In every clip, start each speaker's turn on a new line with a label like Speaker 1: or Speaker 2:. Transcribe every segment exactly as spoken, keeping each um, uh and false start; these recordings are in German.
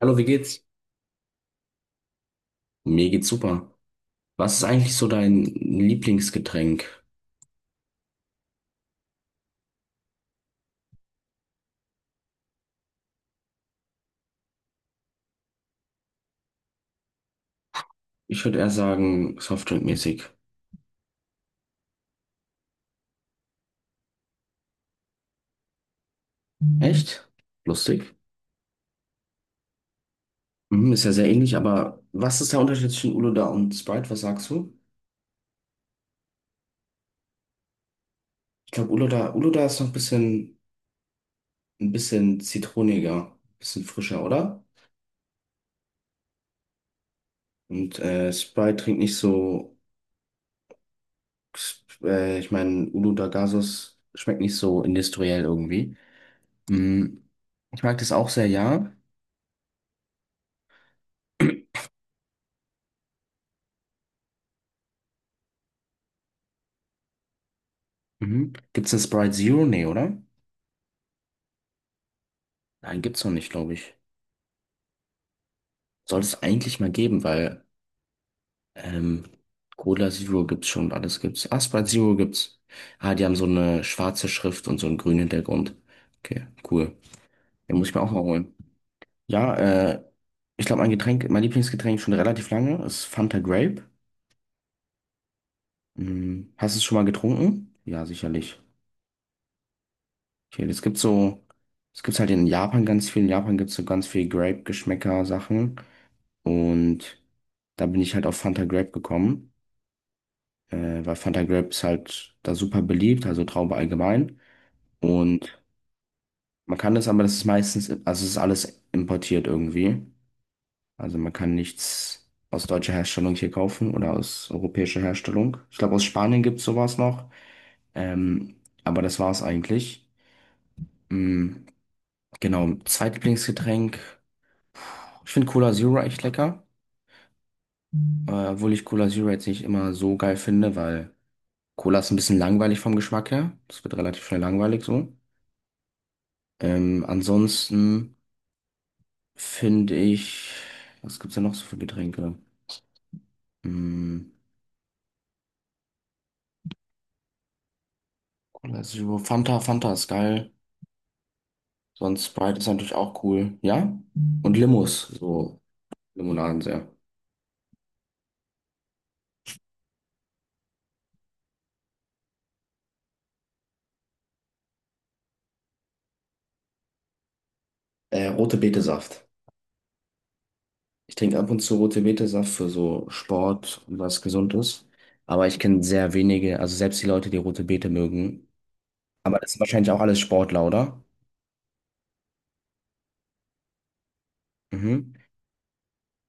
Speaker 1: Hallo, wie geht's? Mir geht's super. Was ist eigentlich so dein Lieblingsgetränk? Ich würde eher sagen, Softdrinkmäßig. Echt? Lustig. Mhm, ist ja sehr ähnlich, aber was ist der Unterschied zwischen Uluda und Sprite? Was sagst du? Ich glaube, Uluda, Uluda ist noch ein bisschen, ein bisschen zitroniger, ein bisschen frischer, oder? Und äh, Sprite trinkt nicht so, äh, ich meine, Uluda Gasos schmeckt nicht so industriell irgendwie. Mhm. Ich mag das auch sehr, ja. Mhm. Gibt's eine Sprite Zero? Nee, oder? Nein, gibt's noch nicht, glaube ich. Sollte es eigentlich mal geben, weil ähm, Cola Zero gibt's schon, alles gibt's. Ah, Sprite Zero gibt's. Ah, die haben so eine schwarze Schrift und so einen grünen Hintergrund. Okay, cool. Den muss ich mir auch mal holen. Ja, äh, ich glaube, mein Getränk, mein Lieblingsgetränk schon relativ lange ist Fanta Grape. Hm, hast du es schon mal getrunken? Ja, sicherlich. Okay, es gibt so, es gibt's halt in Japan ganz viel. In Japan gibt's so ganz viel Grape-Geschmäcker-Sachen. Und da bin ich halt auf Fanta Grape gekommen. Äh, weil Fanta Grape ist halt da super beliebt, also Traube allgemein. Und man kann das, aber das ist meistens, also es ist alles importiert irgendwie. Also man kann nichts aus deutscher Herstellung hier kaufen oder aus europäischer Herstellung. Ich glaube, aus Spanien gibt es sowas noch. Ähm, aber das war's eigentlich. Mm, genau, Zweitlieblingsgetränk. Ich finde Cola Zero echt lecker. Äh, obwohl ich Cola Zero jetzt nicht immer so geil finde, weil Cola ist ein bisschen langweilig vom Geschmack her. Das wird relativ schnell langweilig so. Ähm, ansonsten finde ich, was gibt's denn noch so für Getränke? Hm, Cola Zero, Fanta, Fanta ist geil. Sonst Sprite ist natürlich auch cool. Ja? Und Limos, so Limonaden sehr. Äh, rote Betesaft. Ich trinke ab und zu rote Betesaft für so Sport und was Gesundes. Aber ich kenne sehr wenige, also selbst die Leute, die rote Beete mögen. Aber das sind wahrscheinlich auch alles Sportler, oder? Mhm.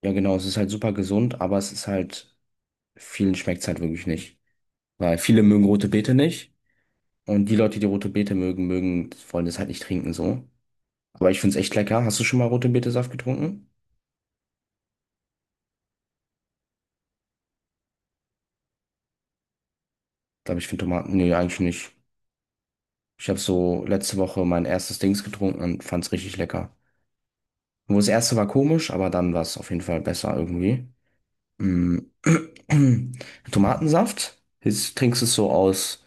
Speaker 1: Ja, genau, es ist halt super gesund, aber es ist halt, vielen schmeckt es halt wirklich nicht. Weil viele mögen rote Beete nicht. Und die Leute, die rote Beete mögen, mögen, wollen das halt nicht trinken, so. Aber ich find's echt lecker. Hast du schon mal rote Beete-Saft getrunken? Glaube ich, finde Tomaten. Nee, eigentlich nicht. Ich habe so letzte Woche mein erstes Dings getrunken und fand's richtig lecker. Wo das erste war komisch, aber dann war's auf jeden Fall besser irgendwie. Mm. Tomatensaft? Jetzt trinkst du es so aus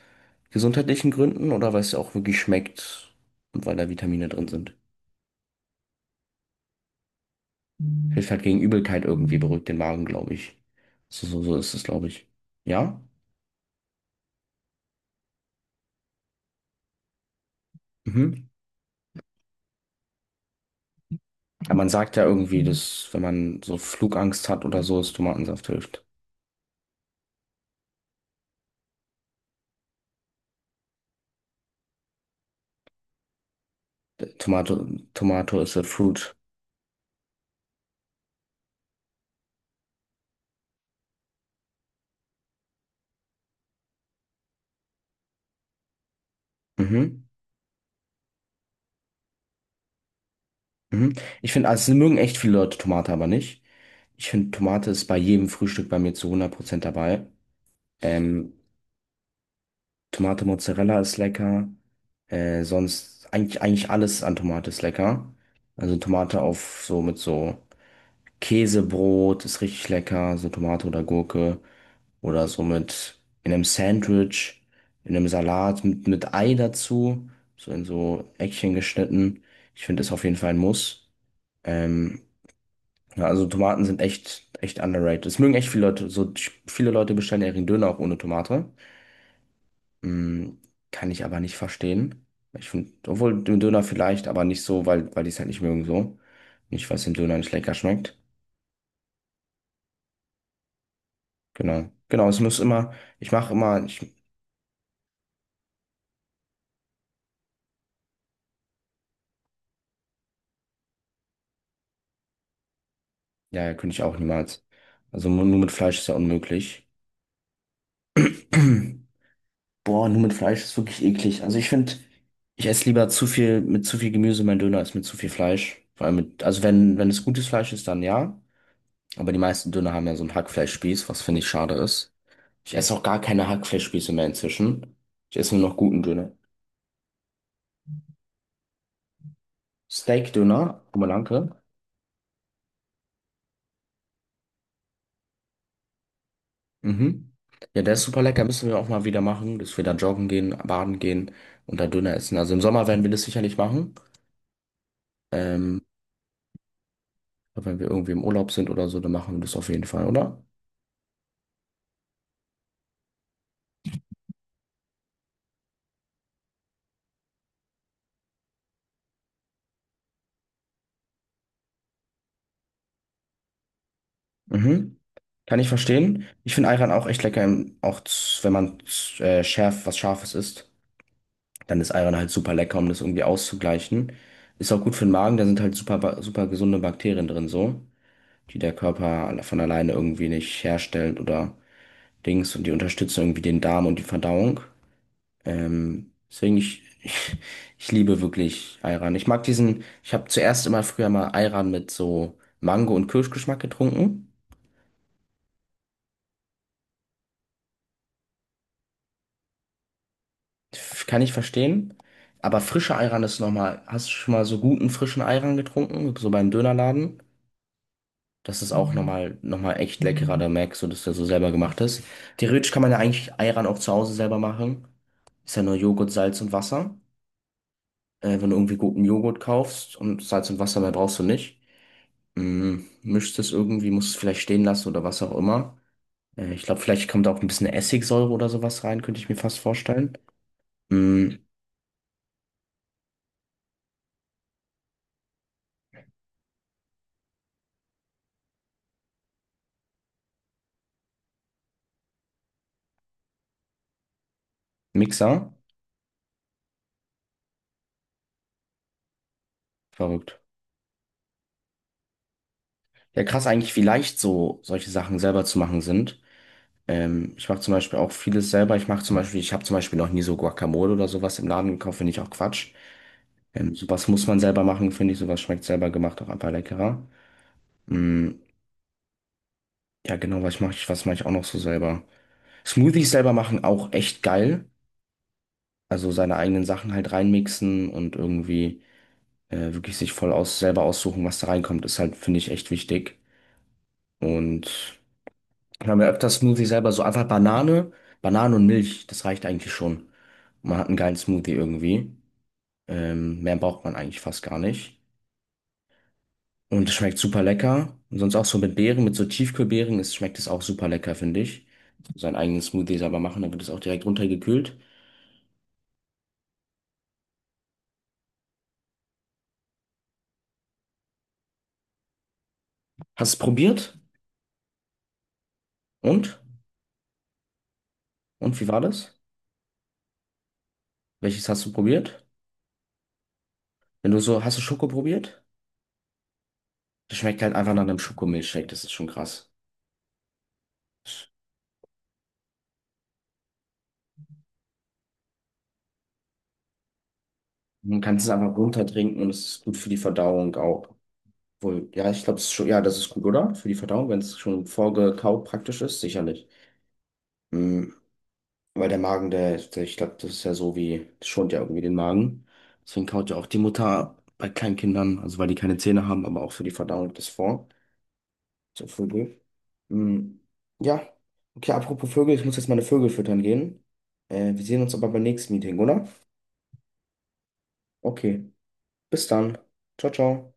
Speaker 1: gesundheitlichen Gründen oder weil es dir auch wirklich schmeckt und weil da Vitamine drin sind? Hilft halt gegen Übelkeit irgendwie, beruhigt den Magen, glaube ich. So, so, so ist es, glaube ich. Ja? Mhm. Ja, man sagt ja irgendwie, dass wenn man so Flugangst hat oder so, es Tomatensaft hilft. D- Tomato, Tomato is a fruit. Mhm. Mhm. Ich finde, also es mögen echt viele Leute Tomate, aber nicht. Ich finde, Tomate ist bei jedem Frühstück bei mir zu hundert Prozent dabei. Ähm, Tomate Mozzarella ist lecker. Äh, sonst eigentlich, eigentlich alles an Tomate ist lecker. Also Tomate auf so mit so Käsebrot ist richtig lecker, so Tomate oder Gurke oder so mit in einem Sandwich, in einem Salat mit, mit Ei dazu, so in so Eckchen geschnitten. Ich finde das auf jeden Fall ein Muss. Ähm, ja, also Tomaten sind echt, echt underrated. Das mögen echt viele Leute. So viele Leute bestellen ja ihren Döner auch ohne Tomate. Mm, Kann ich aber nicht verstehen. Ich finde, obwohl den Döner vielleicht, aber nicht so, weil, weil die es halt nicht mögen so. Nicht, weil es dem Döner nicht lecker schmeckt. Genau. Genau, es muss immer, ich mache immer, ich, ja, ja, könnte ich auch niemals. Also nur nur mit Fleisch ist ja unmöglich. Boah, nur mit Fleisch ist wirklich eklig. Also ich finde, ich esse lieber zu viel, mit zu viel Gemüse mein Döner als mit zu viel Fleisch. Vor allem mit, also wenn, wenn es gutes Fleisch ist, dann ja. Aber die meisten Döner haben ja so einen Hackfleischspieß, was finde ich schade ist. Ich esse auch gar keine Hackfleischspieße mehr inzwischen. Ich esse nur noch guten Döner. Steak-Döner, Oberlanke, Mhm. Ja, der ist super lecker, müssen wir auch mal wieder machen, dass wir da joggen gehen, baden gehen und da Döner essen. Also im Sommer werden wir das sicherlich machen. Ähm, aber wenn wir irgendwie im Urlaub sind oder so, dann machen wir das auf jeden Fall, oder? Mhm. Kann ich verstehen. Ich finde Ayran auch echt lecker, im- auch z- wenn man z- äh, schärf, was Scharfes isst, dann ist Ayran halt super lecker, um das irgendwie auszugleichen. Ist auch gut für den Magen, da sind halt super, ba- super gesunde Bakterien drin, so, die der Körper alle- von alleine irgendwie nicht herstellt oder. Dings und die unterstützen irgendwie den Darm und die Verdauung. Ähm, deswegen, ich, ich, ich liebe wirklich Ayran. Ich mag diesen, ich habe zuerst immer früher mal Ayran mit so Mango- und Kirschgeschmack getrunken. F- Kann ich verstehen. Aber frischer Ayran ist nochmal, hast du schon mal so guten frischen Ayran getrunken, so beim Dönerladen? Das ist auch nochmal, nochmal echt leckerer, da merkst du, dass der so selber gemacht ist. Theoretisch kann man ja eigentlich Ayran auch zu Hause selber machen. Ist ja nur Joghurt, Salz und Wasser. Äh, wenn du irgendwie guten Joghurt kaufst und Salz und Wasser mehr brauchst du nicht. Mm, mischst es irgendwie, musst es vielleicht stehen lassen oder was auch immer. Äh, ich glaube, vielleicht kommt auch ein bisschen Essigsäure oder sowas rein, könnte ich mir fast vorstellen. Mm, Mixer? Verrückt. Ja, krass eigentlich, wie leicht so solche Sachen selber zu machen sind. Ähm, ich mache zum Beispiel auch vieles selber. Ich mache zum Beispiel, ich habe zum Beispiel noch nie so Guacamole oder sowas im Laden gekauft, finde ich auch Quatsch. Ähm, sowas muss man selber machen, finde ich. Sowas schmeckt selber gemacht auch einfach leckerer. Mm, ja, genau, was mache ich, was mache ich auch noch so selber? Smoothies selber machen auch echt geil. Also seine eigenen Sachen halt reinmixen und irgendwie äh, wirklich sich voll aus selber aussuchen, was da reinkommt, ist halt, finde ich, echt wichtig. Und wir haben ja öfters Smoothie selber so einfach Banane, Banane und Milch, das reicht eigentlich schon. Man hat einen geilen Smoothie irgendwie. Ähm, mehr braucht man eigentlich fast gar nicht. Und es schmeckt super lecker. Und sonst auch so mit Beeren, mit so Tiefkühlbeeren, ist, schmeckt es auch super lecker, finde ich. Seinen eigenen Smoothie selber machen, dann wird es auch direkt runtergekühlt. Hast du es probiert? Und? Und wie war das? Welches hast du probiert? Wenn du so, hast du Schoko probiert? Das schmeckt halt einfach nach einem Schokomilchshake, das ist schon krass. Man kann es einfach runtertrinken und es ist gut für die Verdauung auch. Wohl, ja, ich glaube, schon, ja, das ist gut, oder? Für die Verdauung, wenn es schon vorgekaut praktisch ist, sicherlich. Mhm. Weil der Magen, der, der ich glaube, das ist ja so wie, das schont ja irgendwie den Magen. Deswegen kaut ja auch die Mutter bei kleinen Kindern, also weil die keine Zähne haben, aber auch für die Verdauung das vor. So, Vögel. Hm, ja. Okay, apropos Vögel, ich muss jetzt meine Vögel füttern gehen. Äh, wir sehen uns aber beim nächsten Meeting, oder? Okay. Bis dann. Ciao, ciao.